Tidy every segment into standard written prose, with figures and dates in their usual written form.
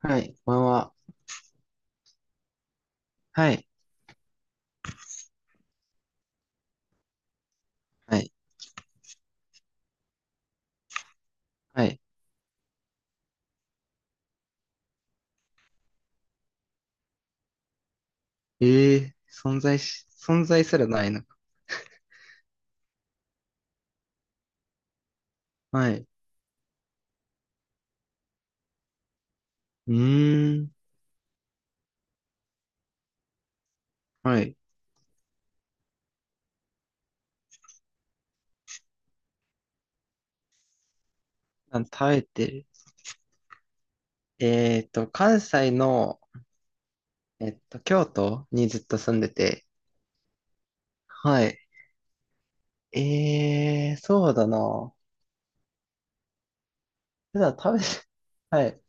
はい、こんばんは。はい、はい、はい。ええ、存在し、存在すらないのか。はい。うーん、はい。あ、耐えてる。関西の、京都にずっと住んでて。はい。ええ、そうだな。普段食べて、はい。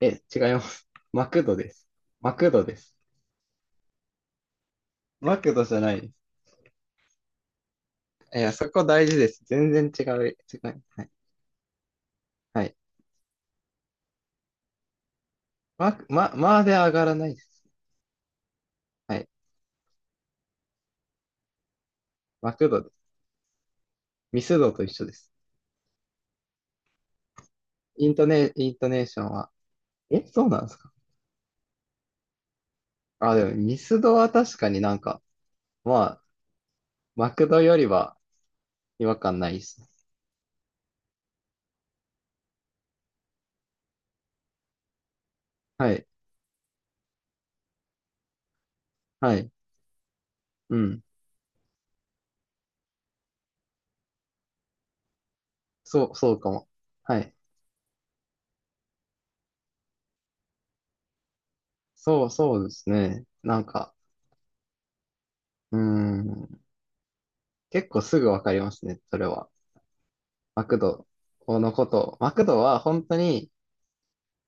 え、違います。マクドです。マクドです。マクドじゃないです。いや、そこ大事です。全然違う。違う。はい。はい。マ、ま、まで上がらないです。はい。マクドです。ミスドと一緒です。イントネ、イントネーションは、え、そうなんですか？あ、でもミスドは確かになんか、まあ、マクドよりは違和感ないですね。はい、はい、うん。そう、そうかも。はい。そう、そうですね。なんか、うーん、結構すぐわかりますね、それは。マクドのこと。マクドは本当に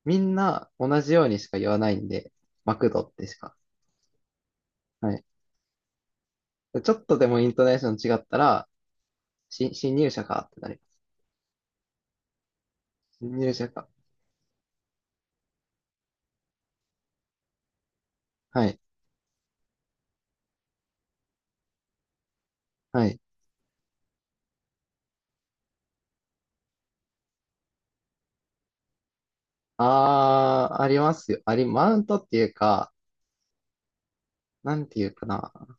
みんな同じようにしか言わないんで、マクドってしか。はい。ちょっとでもイントネーション違ったら、新、新入社かってなります。新入社か。はい。はい。ああ、ありますよ。あり、マウントっていうか、なんていうかな。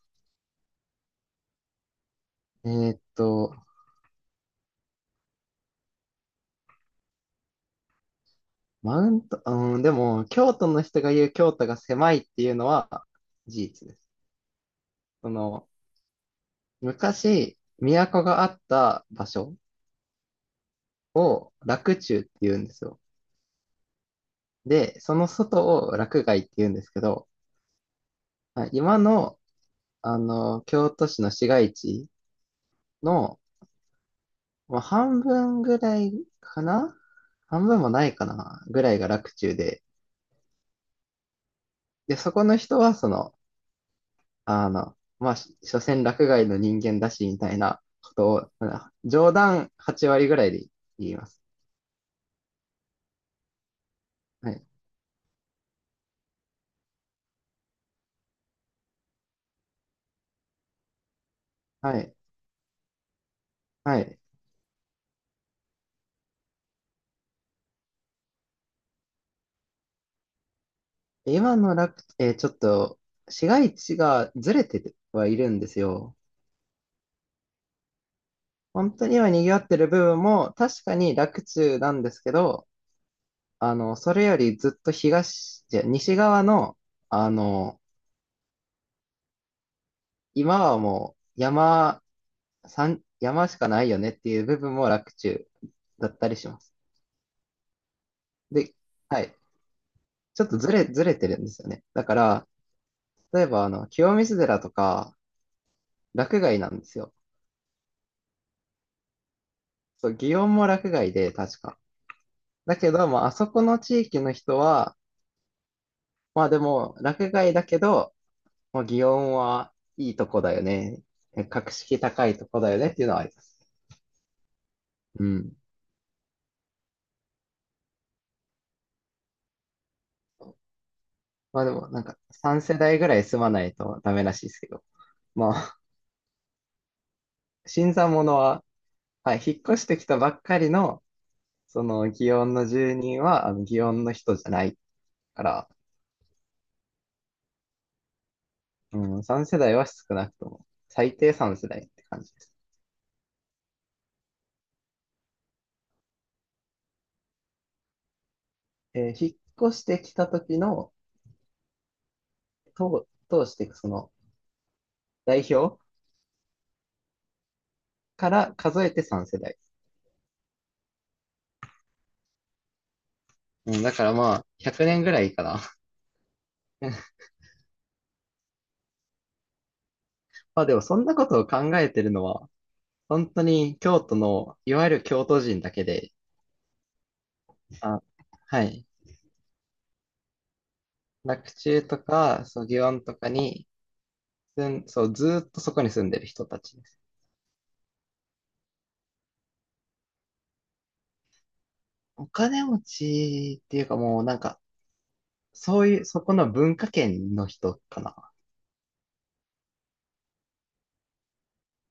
えーっと、マウント、うん、でも、京都の人が言う京都が狭いっていうのは事実です。その、昔、都があった場所、洛中って言うんですよ。で、その外を洛外って言うんですけど、はい、今の、京都市の市街地の、まあ、半分ぐらいかな、半分もないかなぐらいが洛中で、で、そこの人は、その、まあ、し、所詮落外の人間だし、みたいなことを、あ、冗談8割ぐらいで言います。はい。はい。はい。今の楽、えー、ちょっと、市街地がずれてはいるんですよ。本当には賑わってる部分も、確かに楽中なんですけど、それよりずっと東、じゃ、西側の、あの、今はもう山、山、山しかないよねっていう部分も楽中だったりします。で、はい。ちょっとずれ、ずれてるんですよね。だから、例えば、清水寺とか、洛外なんですよ。そう、祇園も洛外で、確か。だけど、まあ、あそこの地域の人は、まあでも、洛外だけど、まあ、祇園はいいとこだよね。格式高いとこだよねっていうのはあります。うん。まあでも、なんか、3世代ぐらい住まないとダメらしいですけど。まあ、新参者は、はい、引っ越してきたばっかりの、その、祇園の住人は、祇園の人じゃないから、うん、3世代は少なくとも、最低3世代って感じです。えー、引っ越してきた時の、当通していくその、代表から数えて3世代。うん、だからまあ、100年ぐらいかな。まあでも、そんなことを考えてるのは、本当に京都の、いわゆる京都人だけで、あ、はい。洛中とか、そう、祇園とかに、住んそう、ずーっとそこに住んでる人たち。お金持ちっていうかもうなんか、そういう、そこの文化圏の人かな。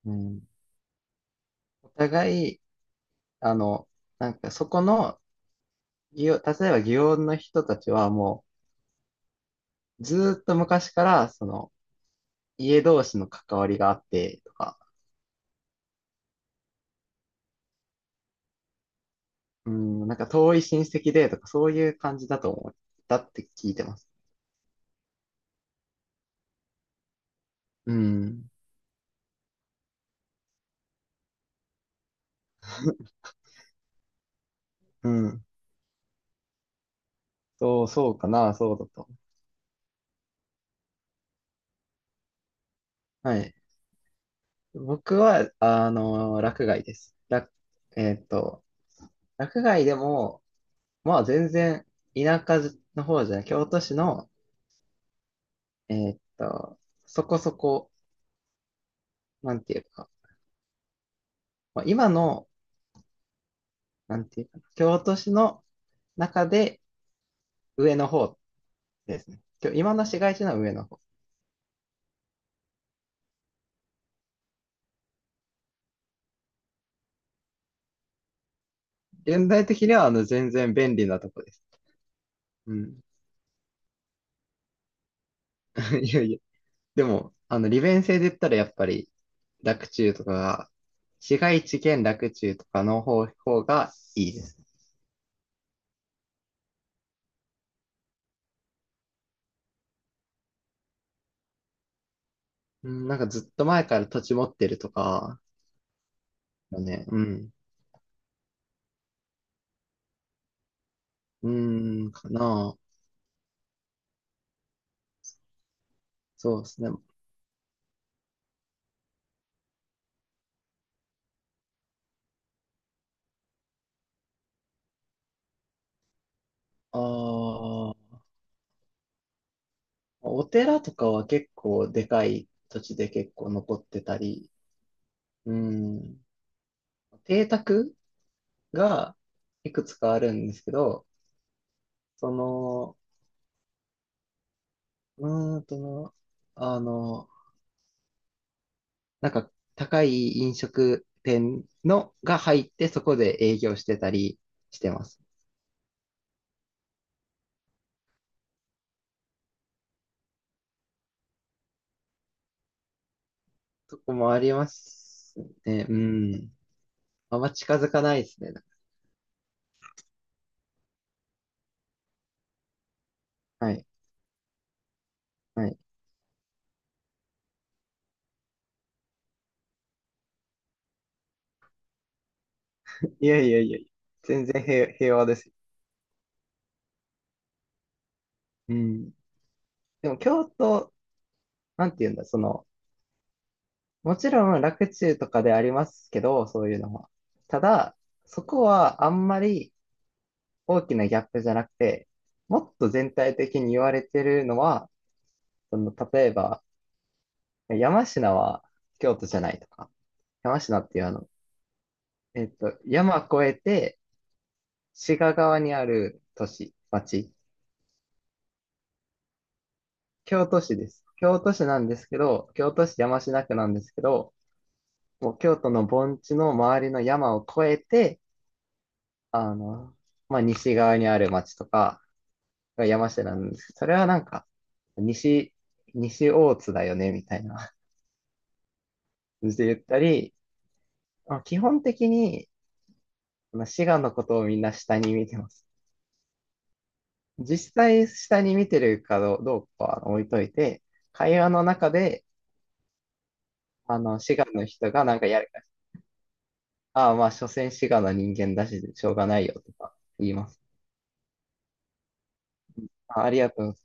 うん。お互い、あの、なんかそこの、祇園、例えば祇園の人たちはもう、ずーっと昔から、その、家同士の関わりがあってとか、うん、なんか遠い親戚でとか、そういう感じだと思ったって聞いてます。うん。うん。そう、そうかな、そうだと。はい。僕は、落外です。ら、えっと、落外でも、まあ全然田舎の方じゃない、京都市の、えーっと、そこそこ、なんていうか、まあ、今の、なんていうか、京都市の中で上の方ですね。きょ、今の市街地の上の方。現代的にはあの全然便利なとこです。うん。いやいや。でも、あの利便性で言ったらやっぱり洛中とかが、市街地兼洛中とかの方、方がいいです。うん、なんかずっと前から土地持ってるとか、よね。うん。うーん、かな。そうですね。ああ、お寺とかは結構でかい土地で結構残ってたり、うん。邸宅がいくつかあるんですけど、その、うーんと、あの、なんか高い飲食店のが入ってそこで営業してたりしてます。そこもありますね。うん。あんま近づかないですね。はい。はい、いやいやいやいや、全然平、平和ですよ。うん。でも京都、なんて言うんだ、その、もちろん楽中とかでありますけど、そういうのは。ただ、そこはあんまり大きなギャップじゃなくて、もっと全体的に言われてるのは、その、例えば、山科は京都じゃないとか、山科っていうあの、山越えて、滋賀側にある都市、町、京都市です。京都市なんですけど、京都市山科区なんですけど、もう京都の盆地の周りの山を越えて、あの、まあ、西側にある町とかが山下なんですけど、それはなんか、西、西大津だよね、みたいな感じで言ったり、まあ、基本的に、まあ滋賀のことをみんな下に見てます。実際下に見てるかどうどうかは置いといて、会話の中で、滋賀の人がなんかやるから、ああ、まあ、所詮滋賀の人間だし、しょうがないよとか言います。あ、ありがとうござい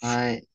ます。はい。